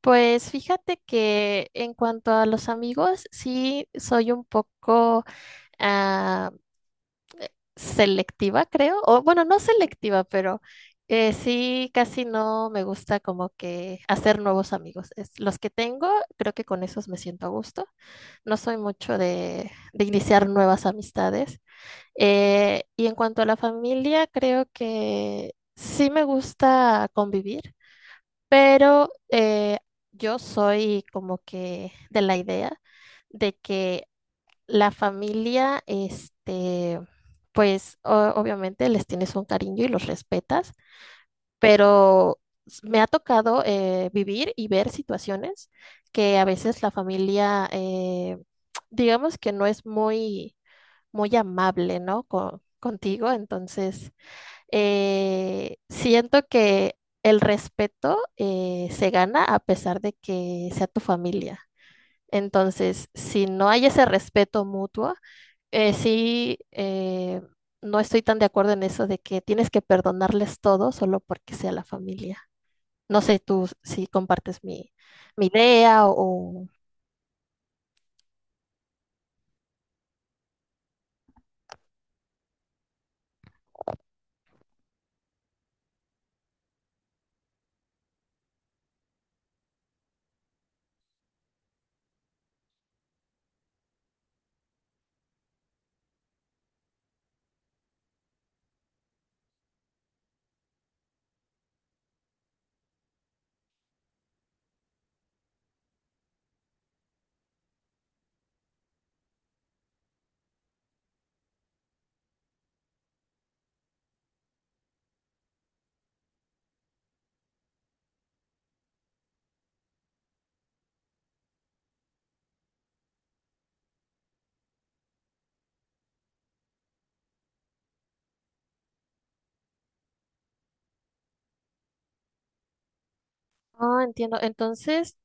Pues fíjate que en cuanto a los amigos, sí soy un poco ah, selectiva, creo. O bueno, no selectiva, pero sí casi no me gusta como que hacer nuevos amigos. Los que tengo, creo que con esos me siento a gusto. No soy mucho de iniciar nuevas amistades. Y en cuanto a la familia, creo que sí me gusta convivir. Pero yo soy como que de la idea de que la familia, este, pues obviamente les tienes un cariño y los respetas, pero me ha tocado vivir y ver situaciones que a veces la familia, digamos que no es muy amable, ¿no? Contigo. Entonces siento que el respeto se gana a pesar de que sea tu familia. Entonces, si no hay ese respeto mutuo, eh, sí, eh, no estoy tan de acuerdo en eso de que tienes que perdonarles todo solo porque sea la familia. No sé tú si compartes mi, mi idea o... Ah, entiendo. Entonces,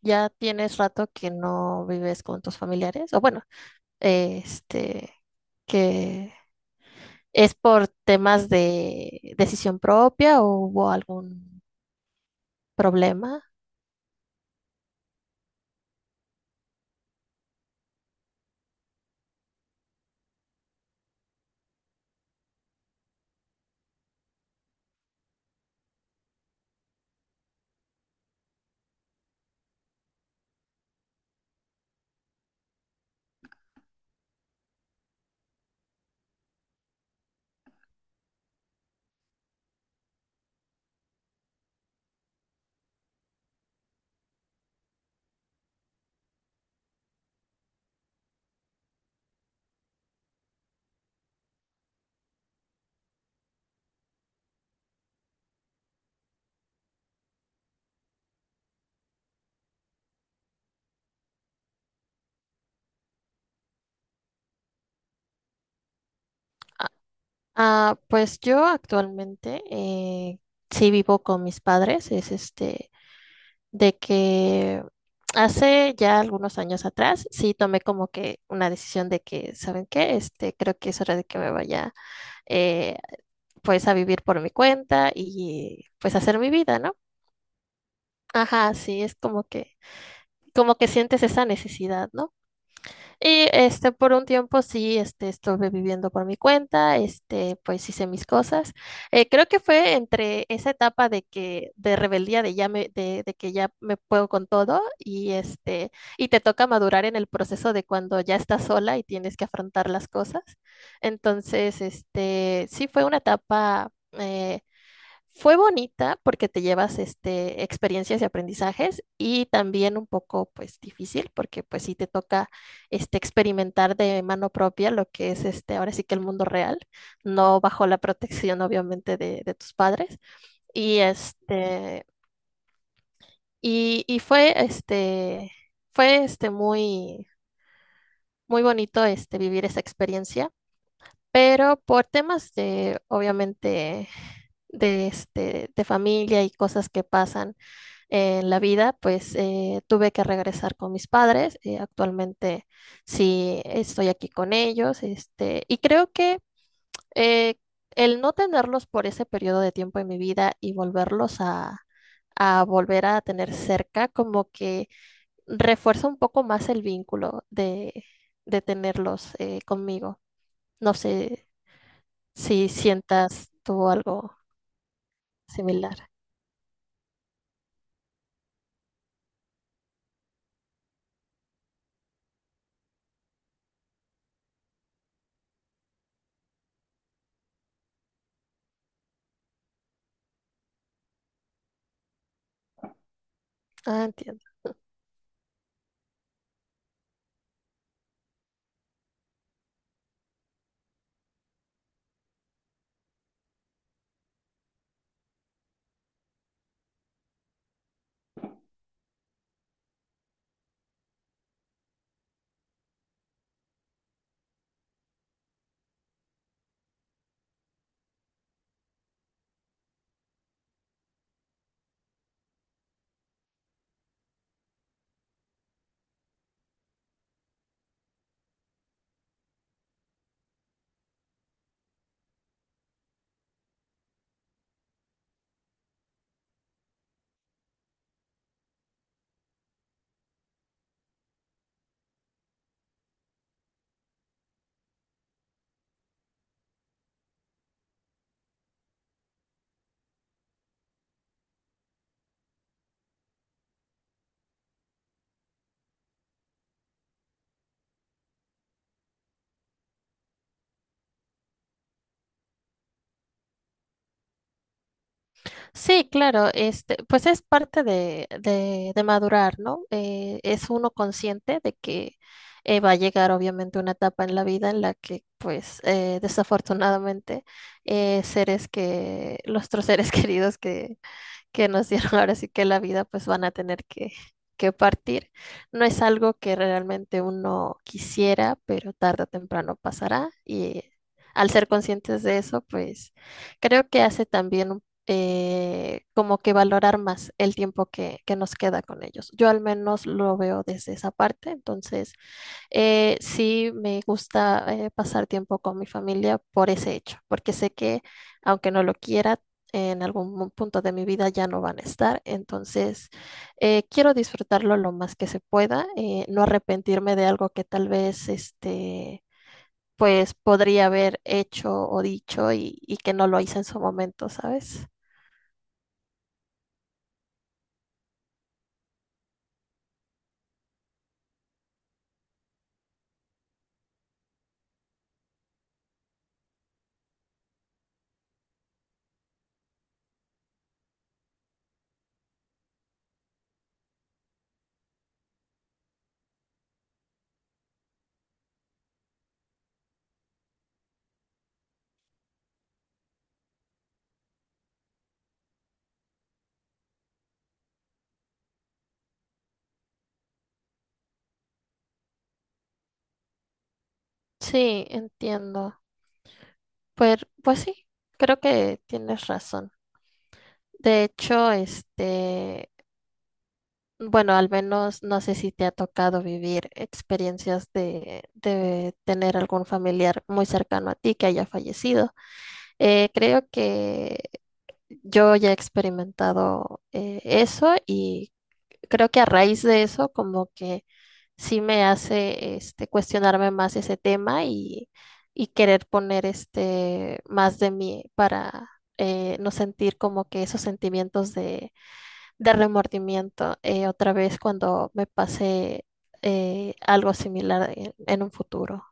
ya tienes rato que no vives con tus familiares, o bueno, este, que ¿es por temas de decisión propia o hubo algún problema? Ah, pues yo actualmente sí vivo con mis padres. Es este de que hace ya algunos años atrás sí tomé como que una decisión de que, ¿saben qué? Este, creo que es hora de que me vaya, eh, pues, a vivir por mi cuenta y pues hacer mi vida, ¿no? Ajá, sí, es como como que sientes esa necesidad, ¿no? Y este, por un tiempo sí, este, estuve viviendo por mi cuenta, este, pues hice mis cosas. Creo que fue entre esa etapa de que, de rebeldía, de ya de que ya me puedo con todo, y este, y te toca madurar en el proceso de cuando ya estás sola y tienes que afrontar las cosas. Entonces, este, sí fue una etapa, fue bonita porque te llevas este, experiencias y aprendizajes, y también un poco pues difícil porque pues sí te toca este, experimentar de mano propia lo que es este, ahora sí que el mundo real, no bajo la protección obviamente de tus padres. Y este, y, y fue este, fue este muy bonito este, vivir esa experiencia, pero por temas de obviamente este, de familia y cosas que pasan en la vida. Pues tuve que regresar con mis padres. Eh, actualmente sí estoy aquí con ellos, este, y creo que eh, el no tenerlos por ese periodo de tiempo en mi vida y volver a tener cerca, como que refuerza un poco más el vínculo de tenerlos conmigo. No sé si sientas tú algo similar. Ah, entiendo. Sí, claro, este, pues es parte de madurar, ¿no? Es uno consciente de que va a llegar obviamente una etapa en la vida en la que, pues, desafortunadamente, nuestros seres queridos que nos dieron ahora sí que la vida, pues van a tener que partir. No es algo que realmente uno quisiera, pero tarde o temprano pasará, y al ser conscientes de eso, pues creo que hace también un como que valorar más el tiempo que nos queda con ellos. Yo al menos lo veo desde esa parte. Entonces sí, me gusta pasar tiempo con mi familia por ese hecho, porque sé que aunque no lo quiera, en algún punto de mi vida ya no van a estar. Entonces quiero disfrutarlo lo más que se pueda, no arrepentirme de algo que tal vez este, pues podría haber hecho o dicho y que no lo hice en su momento, ¿sabes? Sí, entiendo. Pues, pues sí, creo que tienes razón. De hecho, este, bueno, al menos no sé si te ha tocado vivir experiencias de tener algún familiar muy cercano a ti que haya fallecido. Creo que yo ya he experimentado eso, y creo que a raíz de eso como que sí me hace este, cuestionarme más ese tema, y querer poner este, más de mí para no sentir como que esos sentimientos de remordimiento otra vez cuando me pase algo similar en un futuro.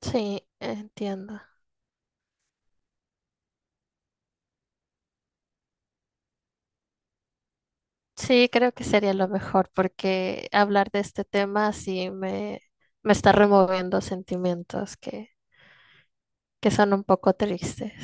Sí, entiendo. Sí, creo que sería lo mejor porque hablar de este tema sí me está removiendo sentimientos que son un poco tristes.